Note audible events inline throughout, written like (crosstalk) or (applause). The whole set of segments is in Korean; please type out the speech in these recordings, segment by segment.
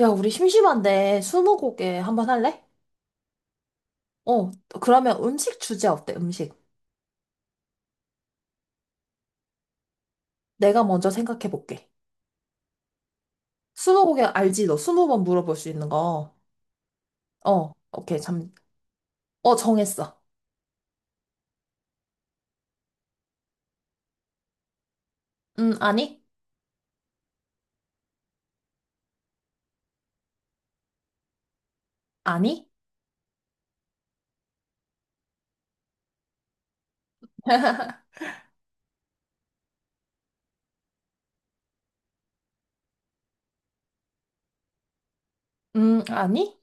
야, 우리 심심한데 스무고개 한번 할래? 어, 그러면 음식 주제 어때? 음식. 내가 먼저 생각해 볼게. 스무고개 알지? 너 20번 물어볼 수 있는 거. 오케이, 잠. 정했어. 아니? 아니? (laughs) 아니?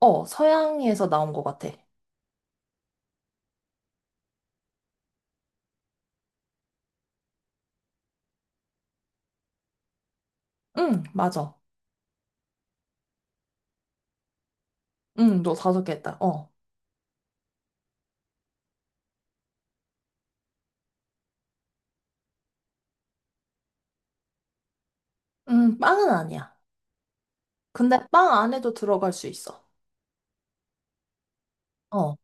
서양에서 나온 것 같아. 응, 맞아. 응, 너 5개 했다. 어. 빵은 아니야. 근데 빵 안에도 들어갈 수 있어. 어.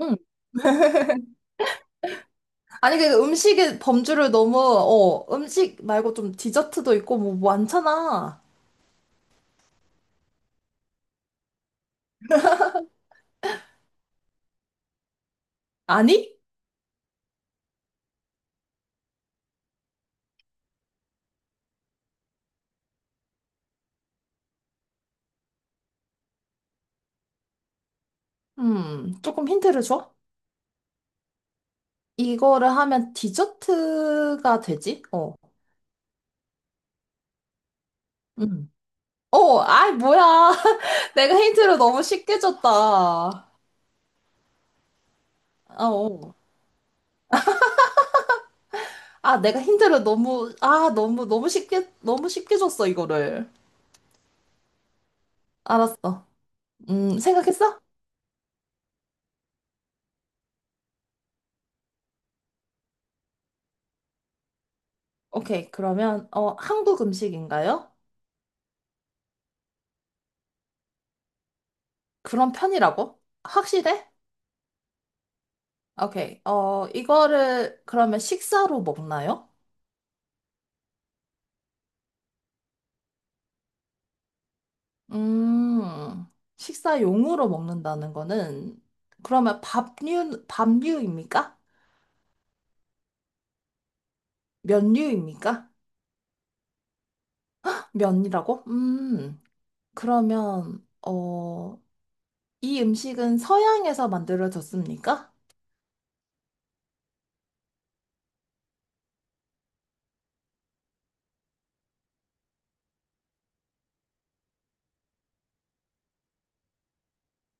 응. 아니, 그 음식의 범주를 너무, 음식 말고 좀 디저트도 있고 뭐 많잖아. 아니? 조금 힌트를 줘? 이거를 하면 디저트가 되지? 음. 아이, 뭐야. (laughs) 내가 힌트를 너무 쉽게 줬다. 어. 아, 내가 힌트를 너무, 너무, 너무 쉽게, 너무 쉽게 줬어, 이거를. 알았어. 생각했어? 오케이. 그러면, 한국 음식인가요? 그런 편이라고? 확실해? 오케이. 이거를 그러면 식사로 먹나요? 음, 식사용으로 먹는다는 거는 그러면 밥류입니까? 면류입니까? 면이라고? 그러면 이 음식은 서양에서 만들어졌습니까?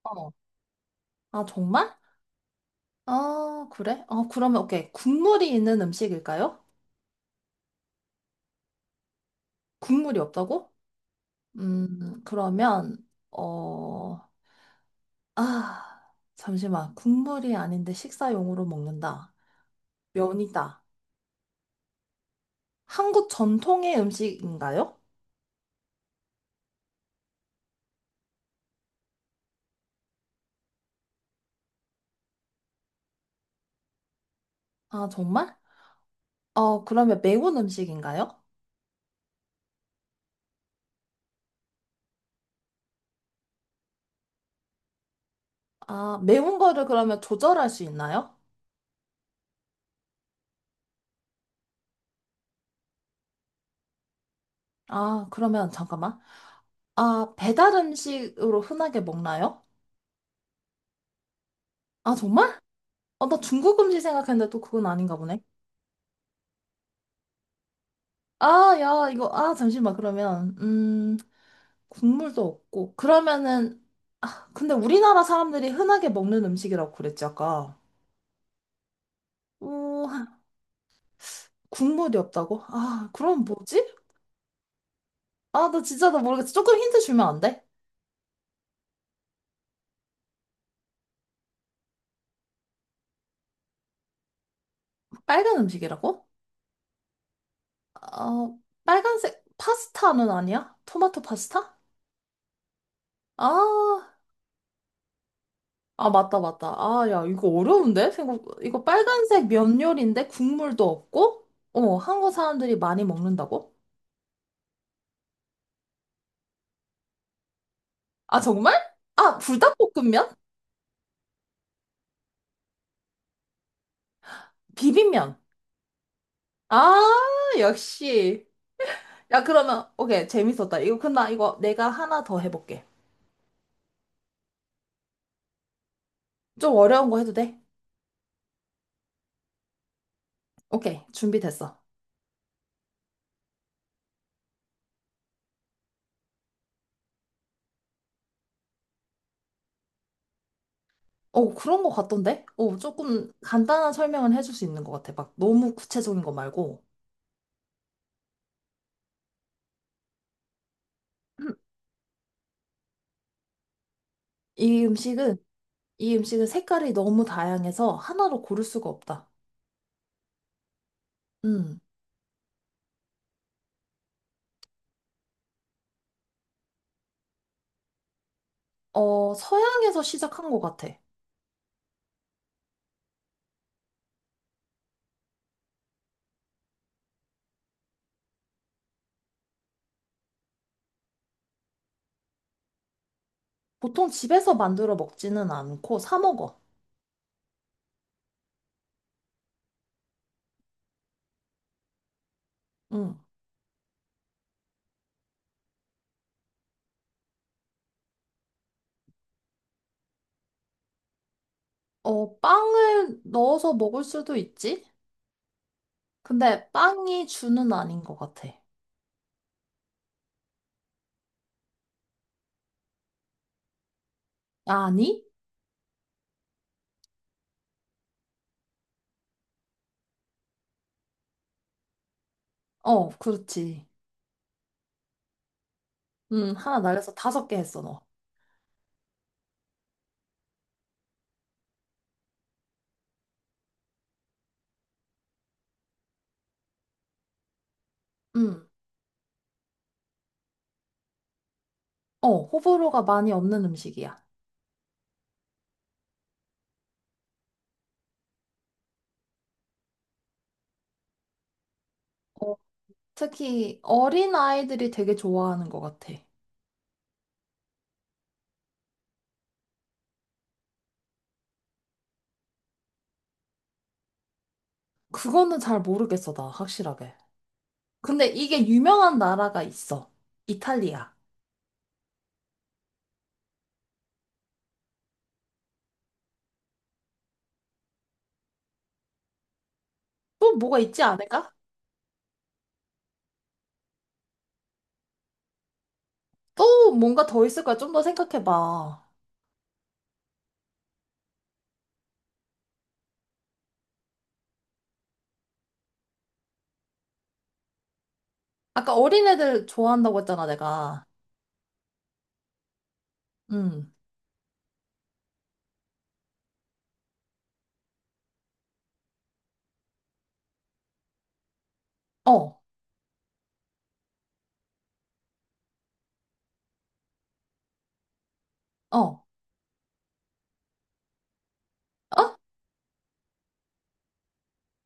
어. 아, 정말? 아, 그래? 그러면 오케이. 국물이 있는 음식일까요? 국물이 없다고? 그러면 어, 잠시만. 국물이 아닌데 식사용으로 먹는다. 면이다. 한국 전통의 음식인가요? 아, 정말? 그러면 매운 음식인가요? 아, 매운 거를 그러면 조절할 수 있나요? 아, 그러면 잠깐만. 아, 배달 음식으로 흔하게 먹나요? 아, 정말? 나 중국 음식 생각했는데 또 그건 아닌가 보네. 아, 야, 이거, 잠시만. 그러면, 국물도 없고. 그러면은, 근데 우리나라 사람들이 흔하게 먹는 음식이라고 그랬지, 아까. 오, 국물이 없다고? 아, 그럼 뭐지? 아, 나 진짜 나 모르겠어. 조금 힌트 주면 안 돼? 빨간 음식이라고? 어, 빨간색 파스타는 아니야? 토마토 파스타? 아, 아, 맞다, 맞다. 아, 야, 이거 어려운데? 이거 빨간색 면 요리인데 국물도 없고? 한국 사람들이 많이 먹는다고? 아, 정말? 아, 불닭볶음면? 비빔면. 아, 역시. 야, 그러면, 오케이, 재밌었다. 그럼 나 이거 내가 하나 더 해볼게. 좀 어려운 거 해도 돼? 오케이, 준비됐어. 그런 거 같던데? 조금 간단한 설명은 해줄 수 있는 것 같아. 막 너무 구체적인 거 말고. (clears throat) 이 음식은, 이 음식은 색깔이 너무 다양해서 하나로 고를 수가 없다. 음, 서양에서 시작한 것 같아. 보통 집에서 만들어 먹지는 않고 사 먹어. 음, 빵을 넣어서 먹을 수도 있지? 근데 빵이 주는 아닌 것 같아. 아니? 어, 그렇지. 하나 날려서 5개 했어, 너. 음, 호불호가 많이 없는 음식이야. 어, 특히 어린 아이들이 되게 좋아하는 것 같아. 그거는 잘 모르겠어, 나 확실하게. 근데 이게 유명한 나라가 있어. 이탈리아. 또 뭐가 있지 않을까? 또 뭔가 더 있을 거야. 좀 더 생각해봐. 아까 어린애들 좋아한다고 했잖아, 내가. 음. 어, 어.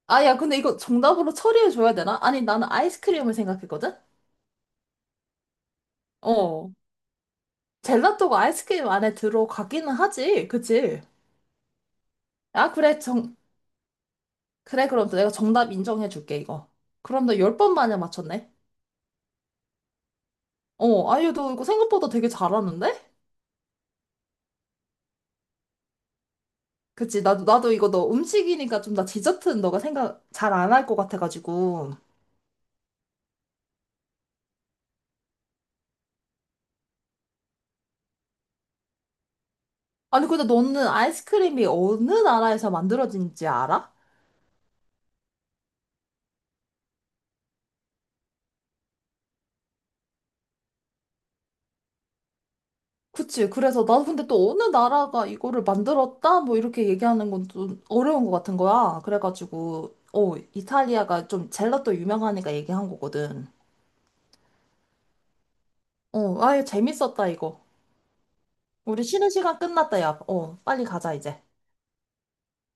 아, 야, 근데 이거 정답으로 처리해줘야 되나? 아니, 나는 아이스크림을 생각했거든? 어. 젤라또가 아이스크림 안에 들어가기는 하지. 그치? 아, 그래. 그래, 그럼 또 내가 정답 인정해 줄게, 이거. 그럼 너 10번 만에 맞췄네? 아유, 너 이거 생각보다 되게 잘하는데? 그치, 나도 이거 너 음식이니까 좀 나 디저트는 너가 생각 잘 안 할 것 같아가지고. 아니, 근데 너는 아이스크림이 어느 나라에서 만들어진지 알아? 그치, 그래서 나도 근데 또 어느 나라가 이거를 만들었다? 뭐 이렇게 얘기하는 건 좀 어려운 것 같은 거야. 그래가지고, 이탈리아가 좀 젤라또 유명하니까 얘기한 거거든. 아유, 재밌었다, 이거. 우리 쉬는 시간 끝났다, 야. 빨리 가자, 이제.